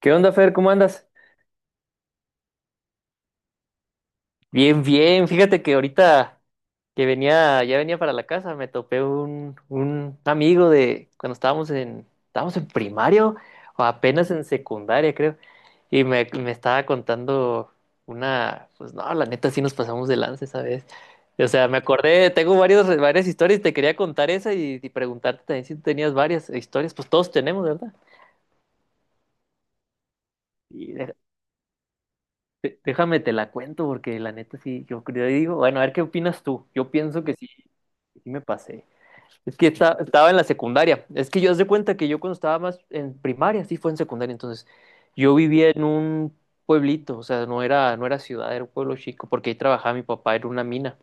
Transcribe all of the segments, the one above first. ¿Qué onda, Fer? ¿Cómo andas? Bien, bien. Fíjate que ahorita que venía, ya venía para la casa, me topé un amigo de cuando estábamos en primario o apenas en secundaria, creo. Y me estaba contando una, pues no, la neta sí nos pasamos de lanza esa vez. O sea, me acordé, tengo varias historias, te quería contar esa y preguntarte también si tú tenías varias historias, pues todos tenemos, ¿verdad? Y Déjame te la cuento porque la neta sí, yo creo, y digo, bueno, a ver qué opinas tú. Yo pienso que sí me pasé. Es que estaba en la secundaria. Es que yo haz de cuenta que yo cuando estaba más en primaria, sí fue en secundaria, entonces yo vivía en un pueblito, o sea, no era ciudad, era un pueblo chico, porque ahí trabajaba mi papá, era una mina.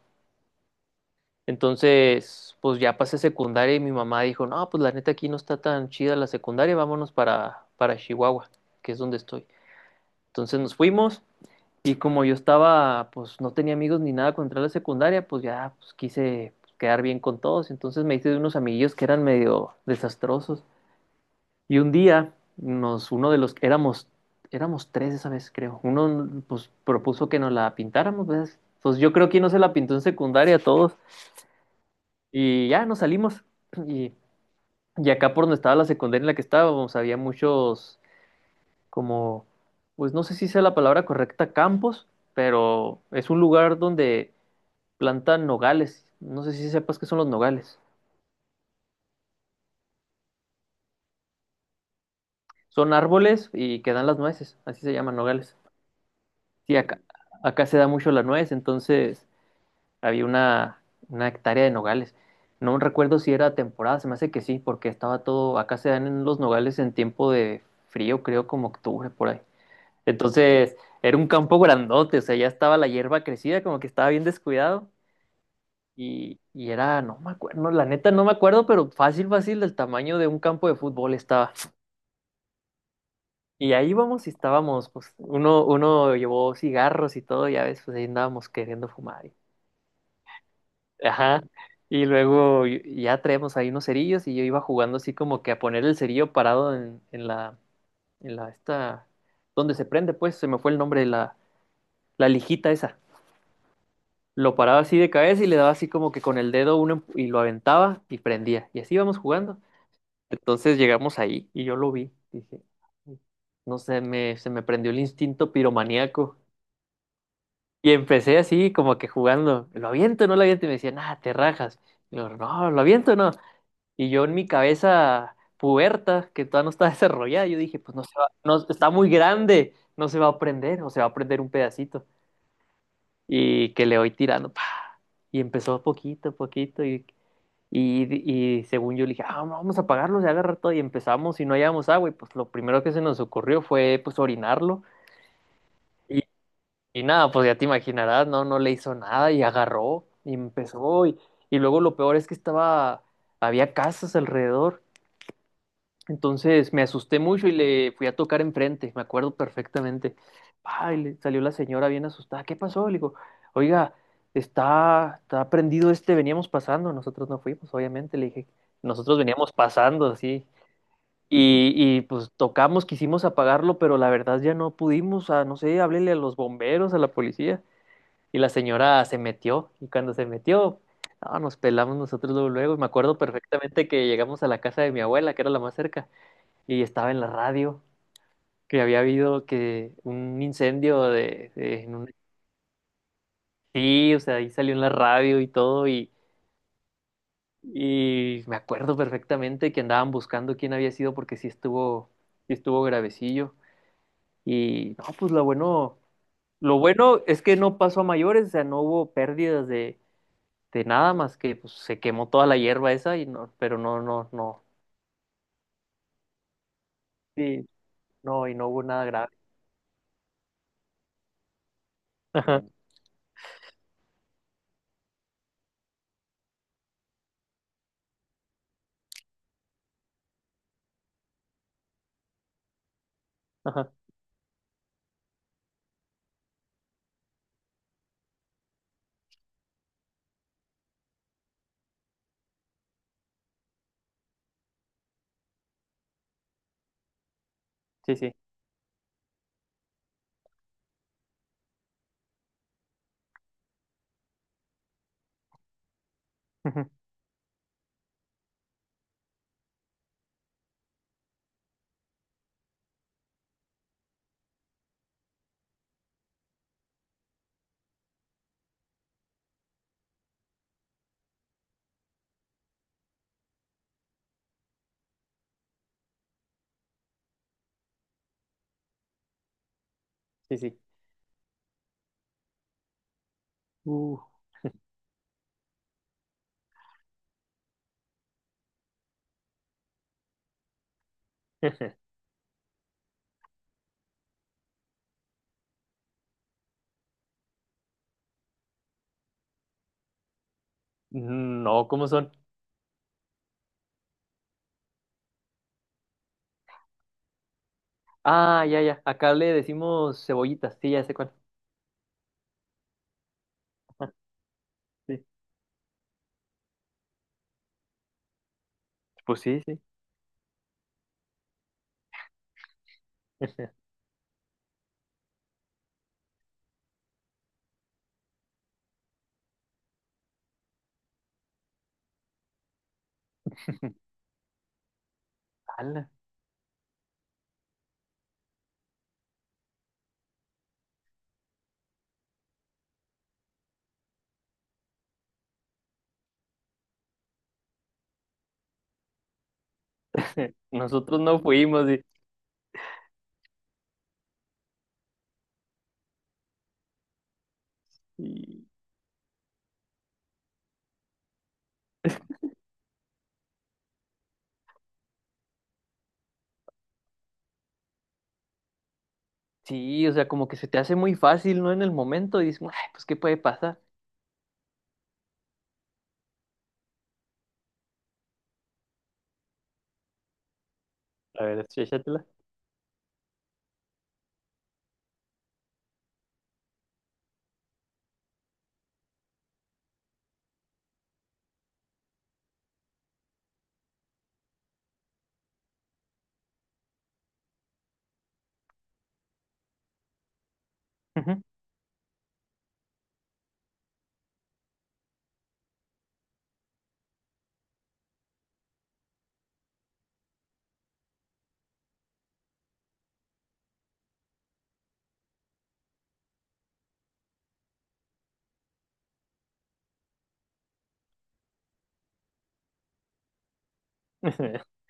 Entonces, pues ya pasé secundaria y mi mamá dijo, no, pues la neta aquí no está tan chida la secundaria, vámonos para Chihuahua, que es donde estoy. Entonces nos fuimos. Y como yo estaba, pues no tenía amigos ni nada contra la secundaria, pues ya pues, quise pues, quedar bien con todos. Entonces me hice de unos amiguillos que eran medio desastrosos. Y un día, uno de los, éramos, éramos tres esa vez, creo. Uno, pues, propuso que nos la pintáramos, ¿ves? Pues yo creo que no se la pintó en secundaria a todos. Y ya nos salimos. Y, y acá por donde estaba la secundaria en la que estábamos, había muchos, como, pues no sé si sea la palabra correcta, campos, pero es un lugar donde plantan nogales. No sé si sepas qué son los nogales. Son árboles y que dan las nueces, así se llaman nogales. Sí, acá, acá se da mucho la nuez, entonces había una hectárea de nogales. No recuerdo si era temporada, se me hace que sí, porque estaba todo, acá se dan en los nogales en tiempo de frío, creo como octubre por ahí. Entonces, era un campo grandote, o sea, ya estaba la hierba crecida, como que estaba bien descuidado. Y era, no me acuerdo, no, la neta no me acuerdo, pero fácil, fácil, del tamaño de un campo de fútbol estaba. Y ahí íbamos y estábamos, pues, uno llevó cigarros y todo, ya ves, pues ahí andábamos queriendo fumar. Ajá. Y luego ya traíamos ahí unos cerillos y yo iba jugando así como que a poner el cerillo parado en la esta, donde se prende, pues, se me fue el nombre de la, la lijita esa. Lo paraba así de cabeza y le daba así como que con el dedo uno y lo aventaba y prendía. Y así íbamos jugando. Entonces llegamos ahí y yo lo vi. Dije, no sé, me, se me prendió el instinto piromaníaco. Y empecé así, como que jugando, ¿lo aviento o no lo aviento? Y me decían, ah, te rajas. Y yo, no, ¿lo aviento o no? Y yo en mi cabeza puberta, que todavía no está desarrollada, yo dije, pues no se va, no, está muy grande, no se va a prender, o se va a prender un pedacito. Y que le voy tirando, pa. Y empezó poquito a poquito, y, y según yo le dije, ah, no, vamos a apagarlo, se va a agarrar todo, y empezamos, y no hallábamos agua, y pues lo primero que se nos ocurrió fue, pues, orinarlo. Y nada, pues ya te imaginarás, no, no le hizo nada y agarró y empezó y luego lo peor es que estaba, había casas alrededor, entonces me asusté mucho y le fui a tocar enfrente, me acuerdo perfectamente. Ay, le salió la señora bien asustada, ¿qué pasó? Le digo, oiga, está, está prendido este, veníamos pasando, nosotros no fuimos, obviamente, le dije, nosotros veníamos pasando así. Y pues tocamos, quisimos apagarlo, pero la verdad ya no pudimos, ah, no sé, háblele a los bomberos, a la policía. Y la señora se metió, y cuando se metió, no, nos pelamos nosotros luego, luego. Y me acuerdo perfectamente que llegamos a la casa de mi abuela, que era la más cerca, y estaba en la radio, que había habido que un incendio en un... Sí, o sea, ahí salió en la radio y todo, y me acuerdo perfectamente que andaban buscando quién había sido porque sí estuvo gravecillo. Y no, pues lo bueno es que no pasó a mayores, o sea, no hubo pérdidas de nada más que pues, se quemó toda la hierba esa y no, pero no, sí, no, y no hubo nada grave. Ajá, ajá, sí, sí, ujú, sí, sí. Uh. No, ¿cómo son? Ah, ya, ya, acá le decimos cebollitas, sí, ya sé cuál. Sí. Pues sí, sí. Ala. Nosotros no fuimos y- sí, o sea, como que se te hace muy fácil, ¿no? En el momento y dices, "Ay, pues, ¿qué puede pasar? A ver, échatela. Ujú.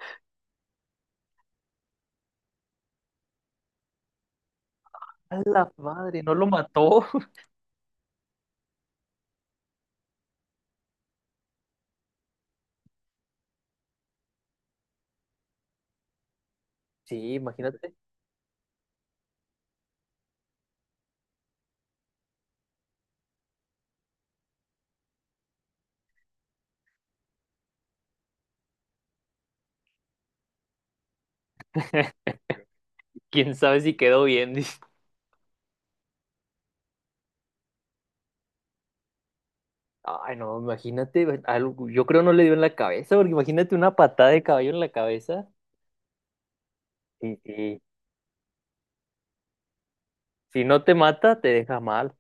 A la madre, no lo mató. Sí, imagínate. Quién sabe si quedó bien. Dice. Ay, no, imagínate, algo, yo creo no le dio en la cabeza, porque imagínate una patada de caballo en la cabeza y si no te mata, te deja mal.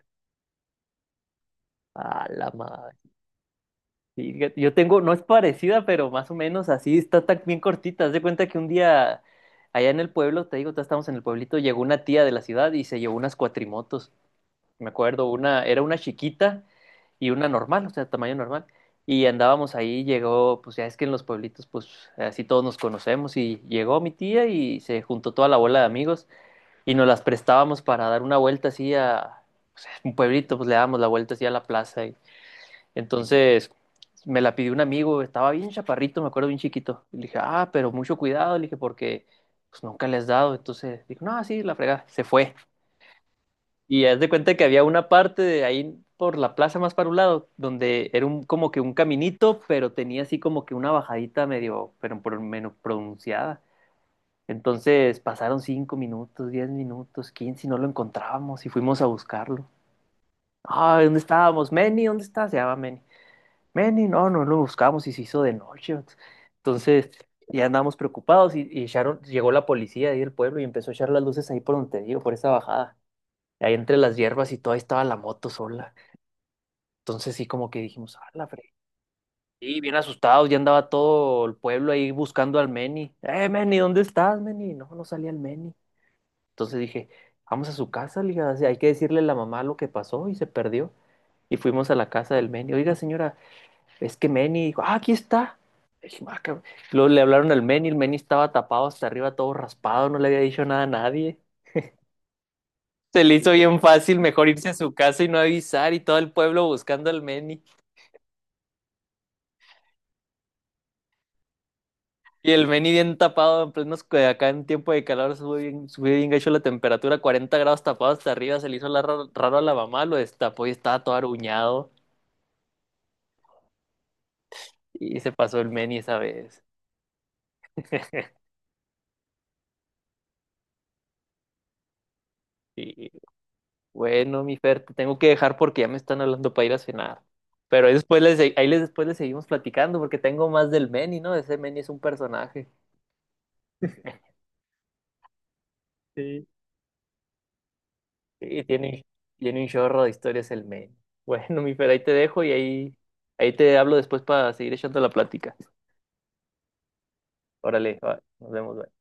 A la madre. Fíjate, yo tengo, no es parecida, pero más o menos así, está tan bien cortita. Haz de cuenta que un día allá en el pueblo, te digo, ya estamos en el pueblito, llegó una tía de la ciudad y se llevó unas cuatrimotos. Me acuerdo, una, era una chiquita y una normal, o sea, tamaño normal. Y andábamos ahí, llegó, pues ya es que en los pueblitos, pues así todos nos conocemos y llegó mi tía y se juntó toda la bola de amigos y nos las prestábamos para dar una vuelta así a un pueblito, pues le dábamos la vuelta así a la plaza. Entonces me la pidió un amigo, estaba bien chaparrito, me acuerdo bien chiquito. Y le dije, ah, pero mucho cuidado, le dije, porque pues nunca le has dado. Entonces dijo, no, sí, la fregada, se fue. Y haz de cuenta que había una parte de ahí por la plaza más para un lado, donde era un, como que un caminito, pero tenía así como que una bajadita medio, pero por menos pronunciada. Entonces pasaron 5 minutos, 10 minutos, 15 y no lo encontrábamos y fuimos a buscarlo. Ah, ¿dónde estábamos? Meni, ¿dónde está? Se llama Meni. Meni, no, no lo buscamos y se hizo de noche. Entonces ya andábamos preocupados y llegó la policía ahí del pueblo y empezó a echar las luces ahí por donde te digo, por esa bajada. Ahí entre las hierbas y todo, ahí estaba la moto sola. Entonces sí como que dijimos, ah, la fre-". Y bien asustados, ya andaba todo el pueblo ahí buscando al Meni. Meni, ¿dónde estás, Meni? No, no salía el Meni. Entonces dije, vamos a su casa, le dije, "así hay que decirle a la mamá lo que pasó y se perdió. Y fuimos a la casa del Meni. Oiga, señora, es que Meni dijo, ah, aquí está. Le dije, "Ah, cabrón". Luego le hablaron al Meni, el Meni estaba tapado hasta arriba, todo raspado, no le había dicho nada a nadie. Se le hizo bien fácil mejor irse a su casa y no avisar y todo el pueblo buscando al Meni. Y el Meni bien tapado, en plenos, que acá en tiempo de calor sube bien gacho la temperatura, 40 grados tapado hasta arriba, se le hizo raro a la mamá, lo destapó y estaba todo aruñado. Y se pasó el Meni esa vez. Y bueno, mi Fer, te tengo que dejar porque ya me están hablando para ir a cenar. Pero ahí después les seguimos platicando porque tengo más del Meni, ¿no? Ese Meni es un personaje. Sí. Sí, tiene un chorro de historias el men. Bueno, mi Fer, ahí te dejo y ahí, ahí te hablo después para seguir echando la plática. Órale, va, nos vemos.